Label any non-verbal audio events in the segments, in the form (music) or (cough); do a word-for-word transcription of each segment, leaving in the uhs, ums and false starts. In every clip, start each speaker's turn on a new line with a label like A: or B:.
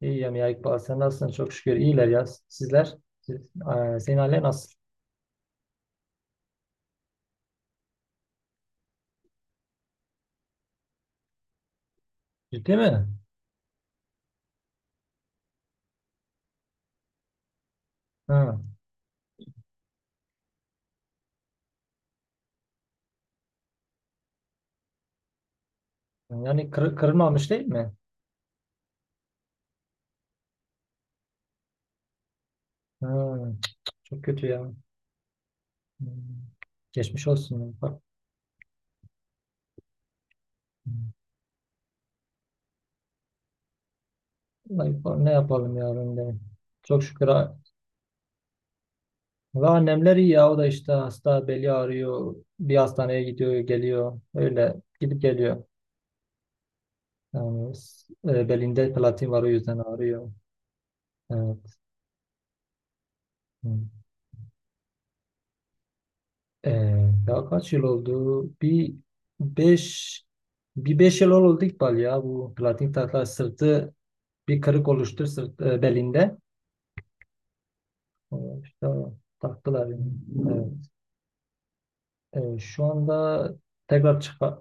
A: İyiyim ya İkbal. Sen nasılsın? Çok şükür. İyiler ya. Sizler? Siz, Aa, senin ailen nasıl? Ciddi mi? Ha. Yani kır, kırılmamış değil mi? Ha. Çok kötü ya. Hmm. Geçmiş olsun ya. Bak. Hmm. Vallahi İkbal, ne yapalım ya ben de. Çok şükür. Ha. Ve annemler iyi ya. O da işte hasta, beli ağrıyor. Bir hastaneye gidiyor geliyor. Öyle gidip geliyor. Yani, s- e, belinde platin var, o yüzden ağrıyor. Evet. Hmm. Ee, daha kaç yıl oldu? Bir beş bir beş yıl oldu İkbal ya, bu platin takla sırtı, bir kırık oluştu sırt e, belinde. Ee, İşte taktılar yani. Evet. Ee, şu anda tekrar çıkar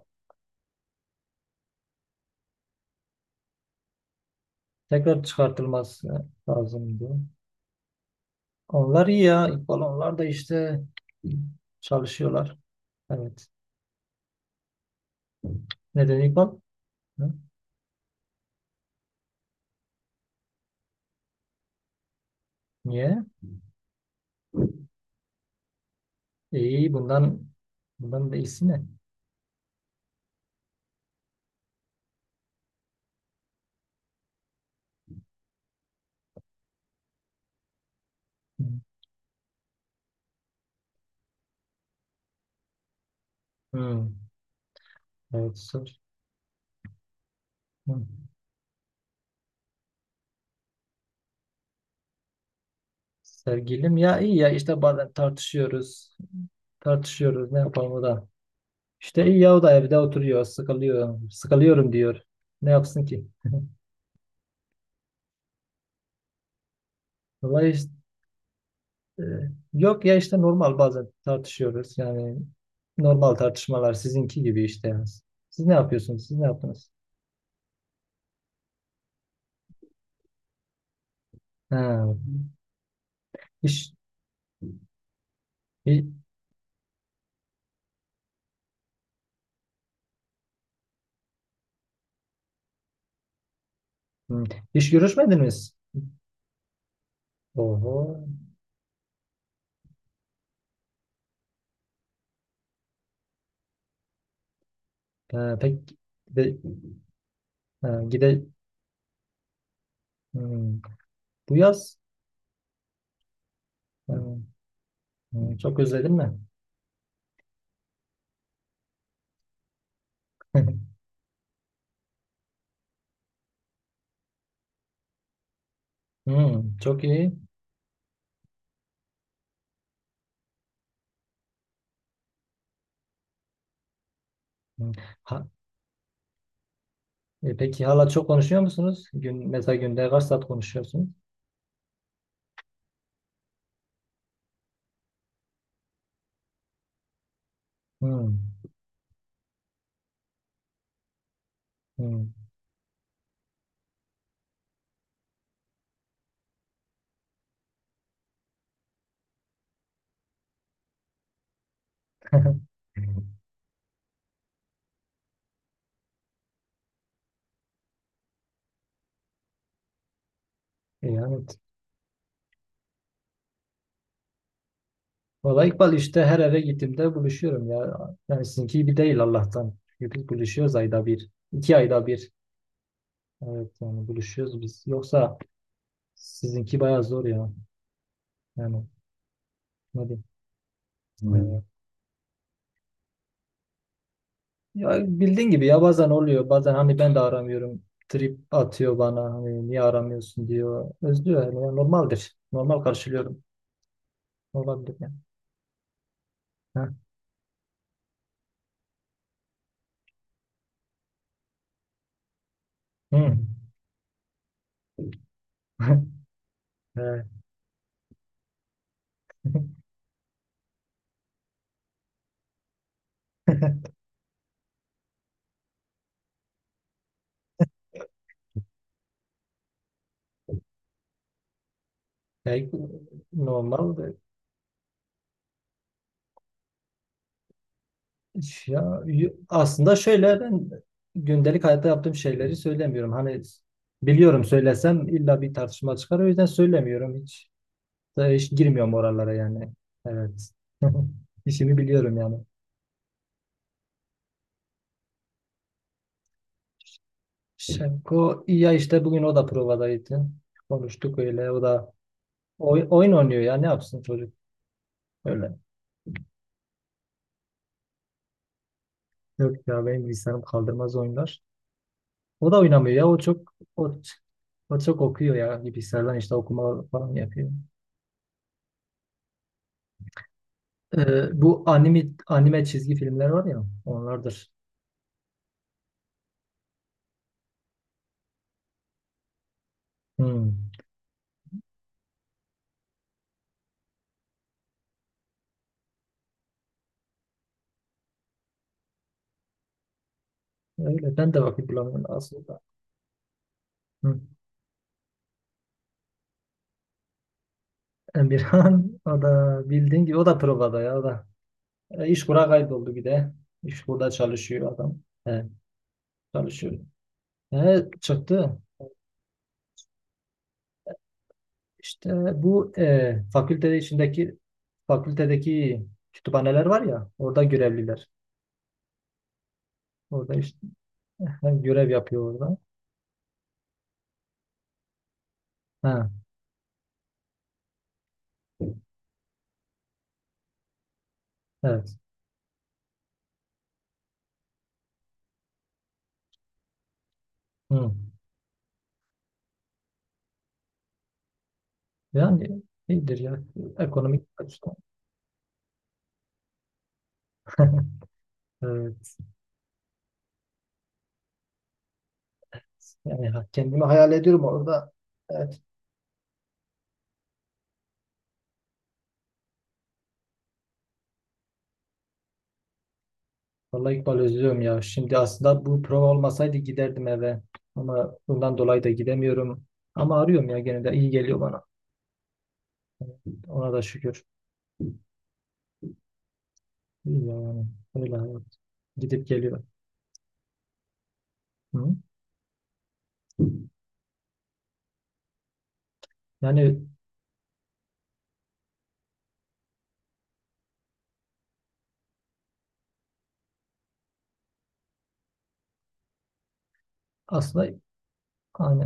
A: tekrar çıkartılması lazımdı. Onlar iyi ya İkbal, onlar da işte çalışıyorlar. Evet. Neden İkbal? Hı? Niye? İyi bundan Bundan da iyisi ne? Hı. Hı. Evet, sor. Hı. Sevgilim ya, iyi ya, işte bazen tartışıyoruz. Tartışıyoruz, ne yapalım, o da. İşte iyi ya, o da evde oturuyor, sıkılıyor. Sıkılıyorum diyor. Ne yapsın ki? Vallahi işte, e, Yok ya, işte normal, bazen tartışıyoruz. Yani normal tartışmalar, sizinki gibi işte. Siz ne yapıyorsunuz? Siz ne yaptınız? Ha, iş, i- hı, iş görüşmediniz. Oho. Ha, pek gide, ha, gide- hı, bu yaz. Hı, hı, çok özledin mi? (laughs) Hmm, çok iyi. Hmm. Ha, e, peki hala çok konuşuyor musunuz? Gün, mesela günde kaç saat konuşuyorsunuz? Hmm, hmm. (laughs) E yani, valla İkbal, işte her eve gittiğimde buluşuyorum ya. Yani sizinki gibi değil Allah'tan. Çünkü biz buluşuyoruz ayda bir, iki ayda bir. Evet, yani buluşuyoruz biz. Yoksa sizinki bayağı zor ya. Yani ne diyeyim. Hmm. Ya bildiğin gibi ya, bazen oluyor, bazen hani ben de aramıyorum, trip atıyor bana, hani niye aramıyorsun diyor, özlüyor yani. Ya normaldir, normal karşılıyorum, olabilir yani. Heh. Hı. (laughs) Evet. (laughs) Yani normal. Ya y- aslında şöyle, ben gündelik hayatta yaptığım şeyleri söylemiyorum. Hani biliyorum, söylesem illa bir tartışma çıkar, o yüzden söylemiyorum, hiç hiç girmiyorum oralara yani. Evet. (laughs) İşimi biliyorum yani. Şevko iyi ya, işte bugün o da provadaydı. Konuştuk öyle, o da oy- oyun oynuyor ya, ne yapsın çocuk, öyle. Yok ya, benim bilgisayarım kaldırmaz oyunlar. O da oynamıyor ya, o çok o, o çok okuyor ya, bilgisayardan işte okuma falan yapıyor. Ee, bu anime anime çizgi filmler var ya, onlardır. Hmm. Öyle, ben de vakit bulamıyorum aslında. Hı. Emirhan (laughs) o da bildiğin gibi, o da provada ya o da. E, İşkur'a kayboldu bir de. İşkur'da çalışıyor adam. He, çalışıyor. E, çıktı. İşte bu e, fakülte içindeki fakültedeki kütüphaneler var ya, orada görevliler. Orada işte (laughs) görev yapıyor orada. Ha, evet. Hı. Yani iyidir ya. Ekonomik açıdan. (laughs) Evet. Yani ha- kendimi hayal ediyorum orada. Evet. Vallahi İkbal, özlüyorum ya. Şimdi aslında bu prova olmasaydı giderdim eve. Ama bundan dolayı da gidemiyorum. Ama arıyorum ya, gene de iyi geliyor bana. Ona da şükür. İyi yani, öyle, evet. Gidip geliyor. Hı. Yani aslında hani,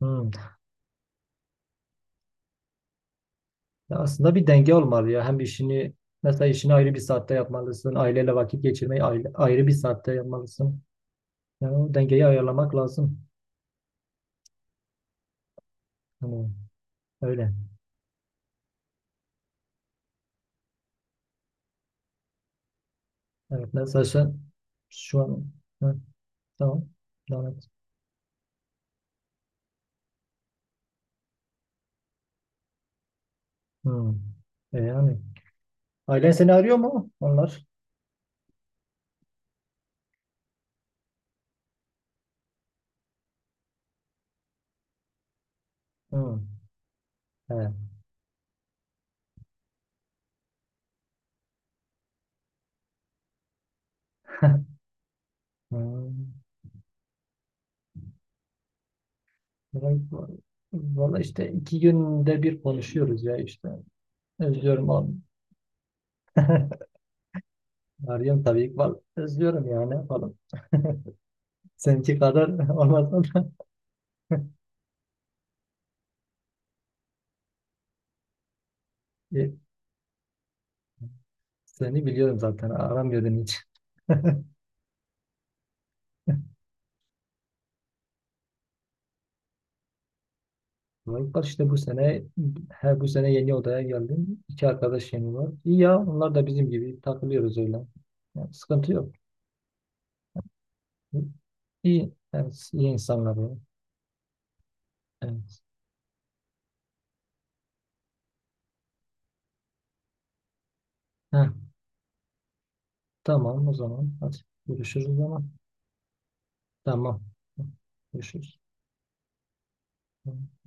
A: hı. Ya aslında bir denge olmalı ya. Hem işini Mesela işini ayrı bir saatte yapmalısın, aileyle vakit geçirmeyi ayrı, ayrı bir saatte yapmalısın. Yani o dengeyi ayarlamak lazım. Hani öyle. Evet, mesela sen şu an, hı, tamam. Devam et. Hı. E yani, ailen seni arıyor mu onlar? Hı. Evet. (laughs) Hı. Valla işte iki günde bir konuşuyoruz ya işte. Özlüyorum onu. (laughs) Arıyorum tabii ki. Vallahi özlüyorum ya, ne yapalım. Seninki kadar (laughs) olmasa da. E, Seni biliyorum zaten. Aramıyordun hiç. Vallahi bak, işte bu sene her bu sene yeni odaya geldim. İki arkadaş yeni var. İyi ya, onlar da bizim gibi takılıyoruz öyle. Yani sıkıntı yok. İyi, yani iyi insanlar ya. Evet. Heh, tamam o zaman. Hadi görüşürüz o zaman. Tamam. Görüşürüz. Tamam.